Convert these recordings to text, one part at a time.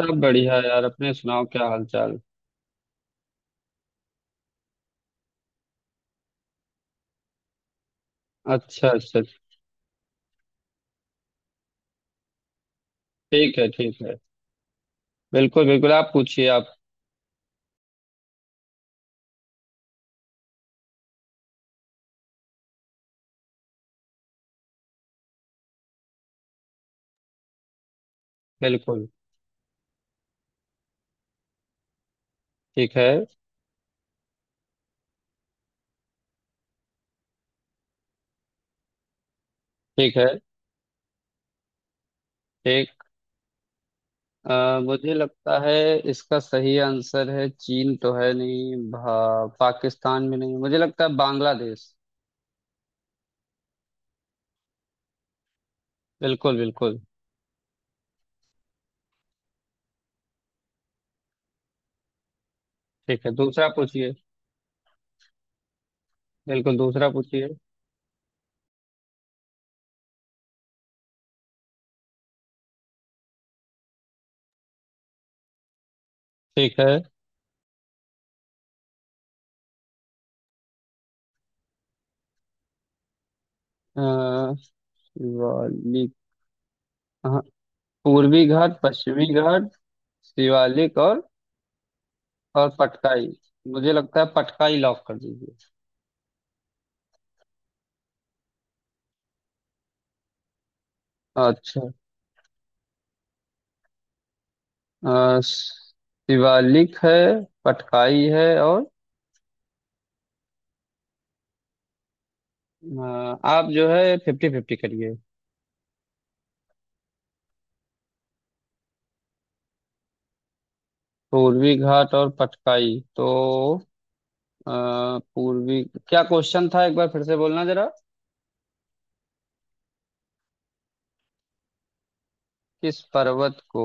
सब बढ़िया यार अपने सुनाओ क्या हाल चाल। अच्छा अच्छा। ठीक है ठीक है। बिल्कुल बिल्कुल आप पूछिए आप। बिल्कुल। ठीक है ठीक है ठीक। मुझे लगता है इसका सही आंसर है चीन तो है नहीं पाकिस्तान भी नहीं मुझे लगता है बांग्लादेश। बिल्कुल बिल्कुल। ठीक है दूसरा पूछिए। बिल्कुल दूसरा पूछिए। ठीक है। अ, शिवालिक। हाँ। पूर्वी घाट पश्चिमी घाट शिवालिक और। और पटकाई। मुझे लगता है पटकाई लॉक कर दीजिए। अच्छा। शिवालिक है पटकाई है और आप जो है फिफ्टी फिफ्टी करिए। पूर्वी घाट और पटकाई तो अ, पूर्वी क्या क्वेश्चन था एक बार फिर से बोलना जरा। किस पर्वत को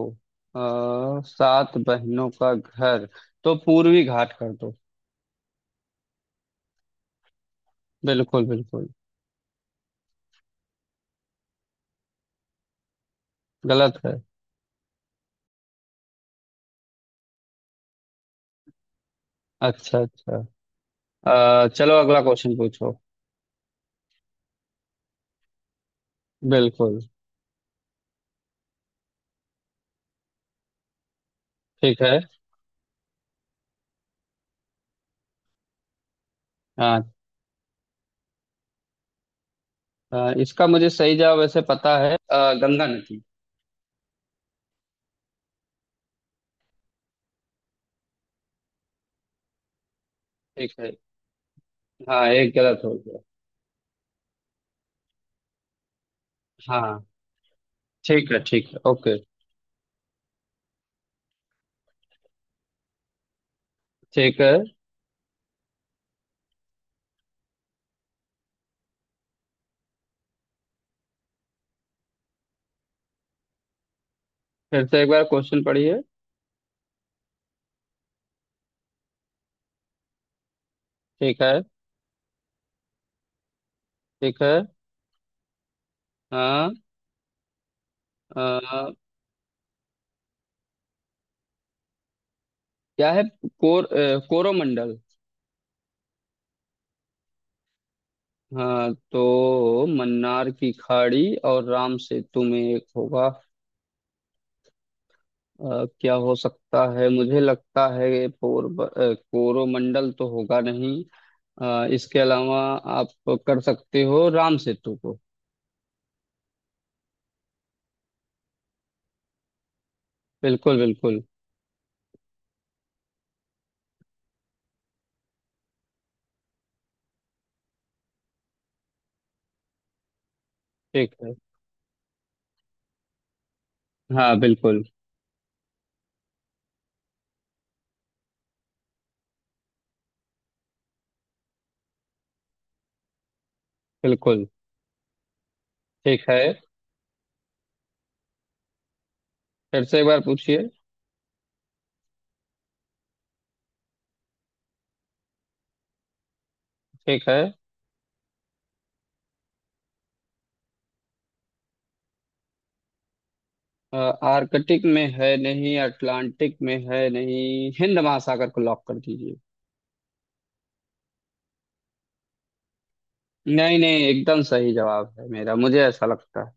सात बहनों का घर तो पूर्वी घाट कर दो। बिल्कुल बिल्कुल। गलत है। अच्छा अच्छा। चलो अगला क्वेश्चन पूछो। बिल्कुल। ठीक है। हाँ, इसका मुझे सही जवाब वैसे पता है गंगा नदी। ठीक है। हाँ एक गलत हो गया। हाँ ठीक है ओके। ठीक है। फिर से एक बार क्वेश्चन पढ़िए। ठीक है। ठीक है। हाँ। अ, क्या है कोर कोरोमंडल। हाँ तो मन्नार की खाड़ी और राम सेतु में एक होगा। क्या हो सकता है मुझे लगता है कोरोमंडल तो होगा नहीं। इसके अलावा आप कर सकते हो राम सेतु को। बिल्कुल बिल्कुल। ठीक है। हाँ बिल्कुल। बिल्कुल। ठीक है। फिर से एक बार पूछिए। ठीक है। अ, आर्कटिक में है नहीं अटलांटिक में है नहीं हिंद महासागर को लॉक कर दीजिए। नहीं नहीं एकदम सही जवाब है मेरा मुझे ऐसा लगता है।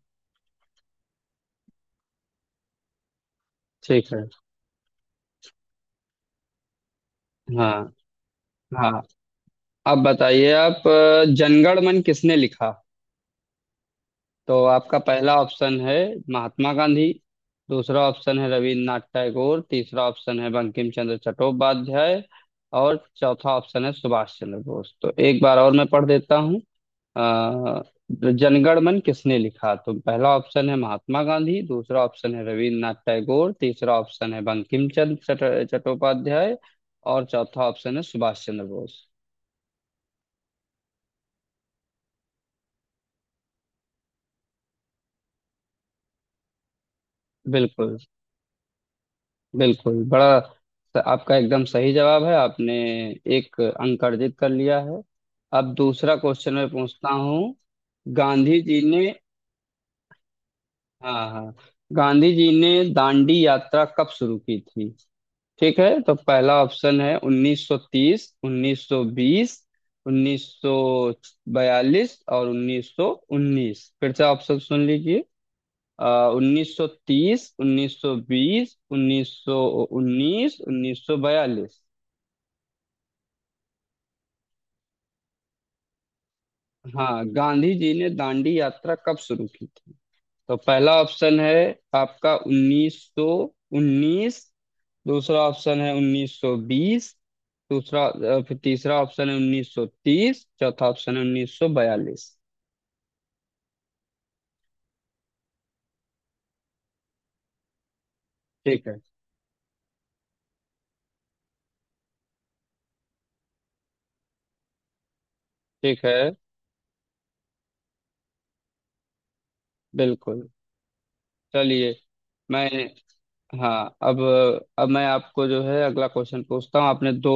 ठीक है। हाँ हाँ। अब बताइए आप, जनगण मन किसने लिखा। तो आपका पहला ऑप्शन है महात्मा गांधी दूसरा ऑप्शन है रविन्द्रनाथ टैगोर तीसरा ऑप्शन है बंकिम चंद्र चट्टोपाध्याय और चौथा ऑप्शन है सुभाष चंद्र बोस। तो एक बार और मैं पढ़ देता हूँ। अ, जनगण मन किसने लिखा। तो पहला ऑप्शन है महात्मा गांधी दूसरा ऑप्शन है रविन्द्रनाथ टैगोर तीसरा ऑप्शन है बंकिम चंद्र चट्टोपाध्याय और चौथा ऑप्शन है सुभाष चंद्र बोस। बिल्कुल बिल्कुल बड़ा आपका एकदम सही जवाब है। आपने एक अंक अर्जित कर लिया है। अब दूसरा क्वेश्चन मैं पूछता हूँ। गांधी जी ने। हाँ हाँ। गांधी जी ने दांडी यात्रा कब शुरू की थी। ठीक है तो पहला ऑप्शन है 1930 1920 1942 और 1919। फिर से ऑप्शन सुन लीजिए। उन्नीस सौ तीस उन्नीस सौ बीस उन्नीस सौ उन्नीस उन्नीस सौ बयालीस। हाँ गांधी जी ने दांडी यात्रा कब शुरू की थी। तो पहला ऑप्शन है आपका उन्नीस सौ उन्नीस दूसरा ऑप्शन है उन्नीस सौ बीस फिर तीसरा ऑप्शन है उन्नीस सौ तीस चौथा ऑप्शन है उन्नीस सौ बयालीस। ठीक है। ठीक है। बिल्कुल। चलिए। मैं। हाँ अब। अब मैं आपको जो है अगला क्वेश्चन पूछता हूँ। आपने दो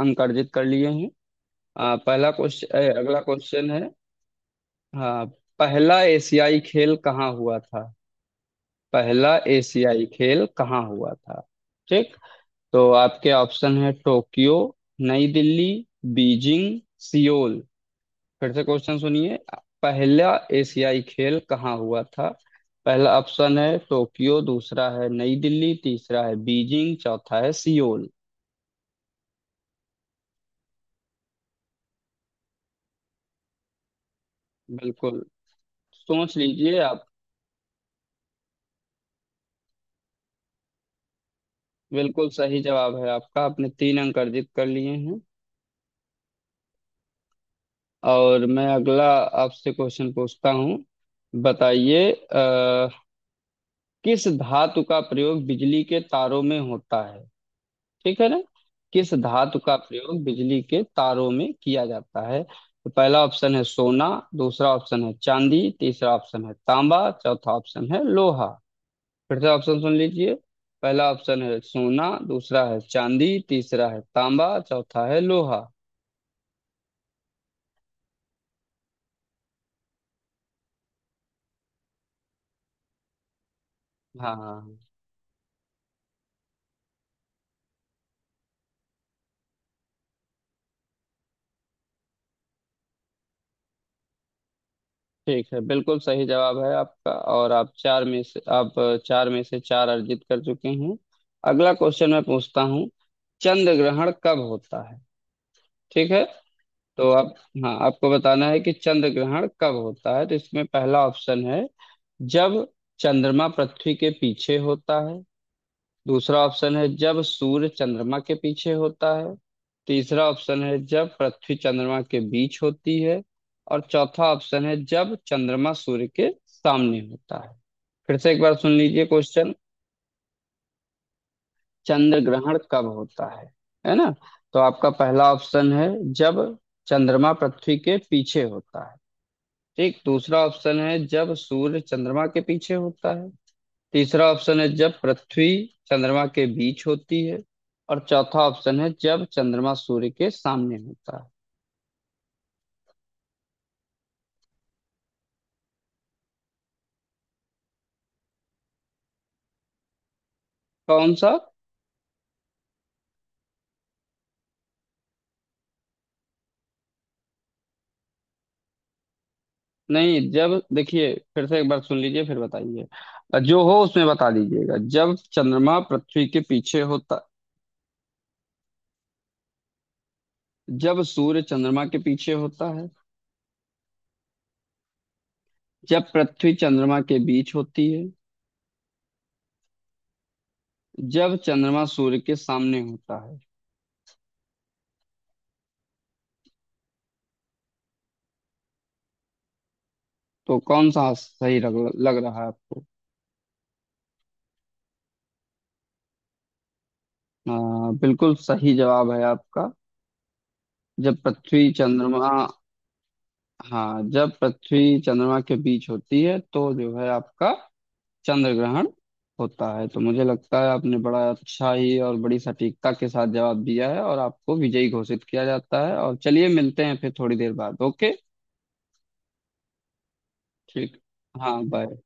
अंक अर्जित कर लिए हैं। पहला क्वेश्चन अगला क्वेश्चन है। हाँ। पहला एशियाई खेल कहाँ हुआ था। पहला एशियाई खेल कहाँ हुआ था। ठीक। तो आपके ऑप्शन है Tokyo New Delhi Beijing Seoul. फिर से क्वेश्चन सुनिए। पहला एशियाई खेल कहाँ हुआ था। पहला ऑप्शन है टोक्यो दूसरा है नई दिल्ली तीसरा है बीजिंग चौथा है सियोल। बिल्कुल। सोच लीजिए आप। बिल्कुल सही जवाब है आपका। आपने तीन अंक अर्जित कर लिए हैं। और मैं अगला आपसे क्वेश्चन पूछता हूँ। बताइए, किस धातु का प्रयोग बिजली के तारों में होता है। ठीक है ना। किस धातु का प्रयोग बिजली के तारों में किया जाता है। तो पहला ऑप्शन है सोना दूसरा ऑप्शन है चांदी तीसरा ऑप्शन है तांबा चौथा ऑप्शन है लोहा। फिर से ऑप्शन सुन लीजिए। पहला ऑप्शन है सोना दूसरा है चांदी तीसरा है तांबा चौथा है लोहा। हाँ हाँ। हाँ। ठीक है बिल्कुल सही जवाब है आपका और आप चार में से आप चार में से चार अर्जित कर चुके हैं। अगला क्वेश्चन मैं पूछता हूँ। चंद्र ग्रहण कब होता है। ठीक है। तो आप, हाँ आपको बताना है कि चंद्र ग्रहण कब होता है। तो इसमें पहला ऑप्शन है जब चंद्रमा पृथ्वी के पीछे होता है दूसरा ऑप्शन है जब सूर्य चंद्रमा के पीछे होता है तीसरा ऑप्शन है जब पृथ्वी चंद्रमा के बीच होती है और चौथा ऑप्शन है जब चंद्रमा सूर्य के सामने होता है। फिर से एक बार सुन लीजिए क्वेश्चन। चंद्र ग्रहण कब होता है। है ना। तो आपका पहला ऑप्शन है जब चंद्रमा पृथ्वी के पीछे होता है, ठीक। दूसरा ऑप्शन है जब सूर्य चंद्रमा के पीछे होता है तीसरा ऑप्शन है जब पृथ्वी चंद्रमा के बीच होती है और चौथा ऑप्शन है जब चंद्रमा सूर्य के सामने होता है। कौन सा। नहीं जब, देखिए फिर से एक बार सुन लीजिए फिर बताइए जो हो उसमें बता दीजिएगा। जब चंद्रमा पृथ्वी के पीछे होता। जब सूर्य चंद्रमा के पीछे होता है। जब पृथ्वी चंद्रमा के बीच होती है। जब चंद्रमा सूर्य के सामने होता है। तो कौन सा सही लग रहा है आपको। बिल्कुल सही जवाब है आपका। जब पृथ्वी चंद्रमा। हाँ जब पृथ्वी चंद्रमा के बीच होती है तो जो है आपका चंद्र ग्रहण होता है। तो मुझे लगता है आपने बड़ा अच्छा ही और बड़ी सटीकता के साथ जवाब दिया है और आपको विजयी घोषित किया जाता है। और चलिए मिलते हैं फिर थोड़ी देर बाद, ओके। ठीक। हाँ बाय।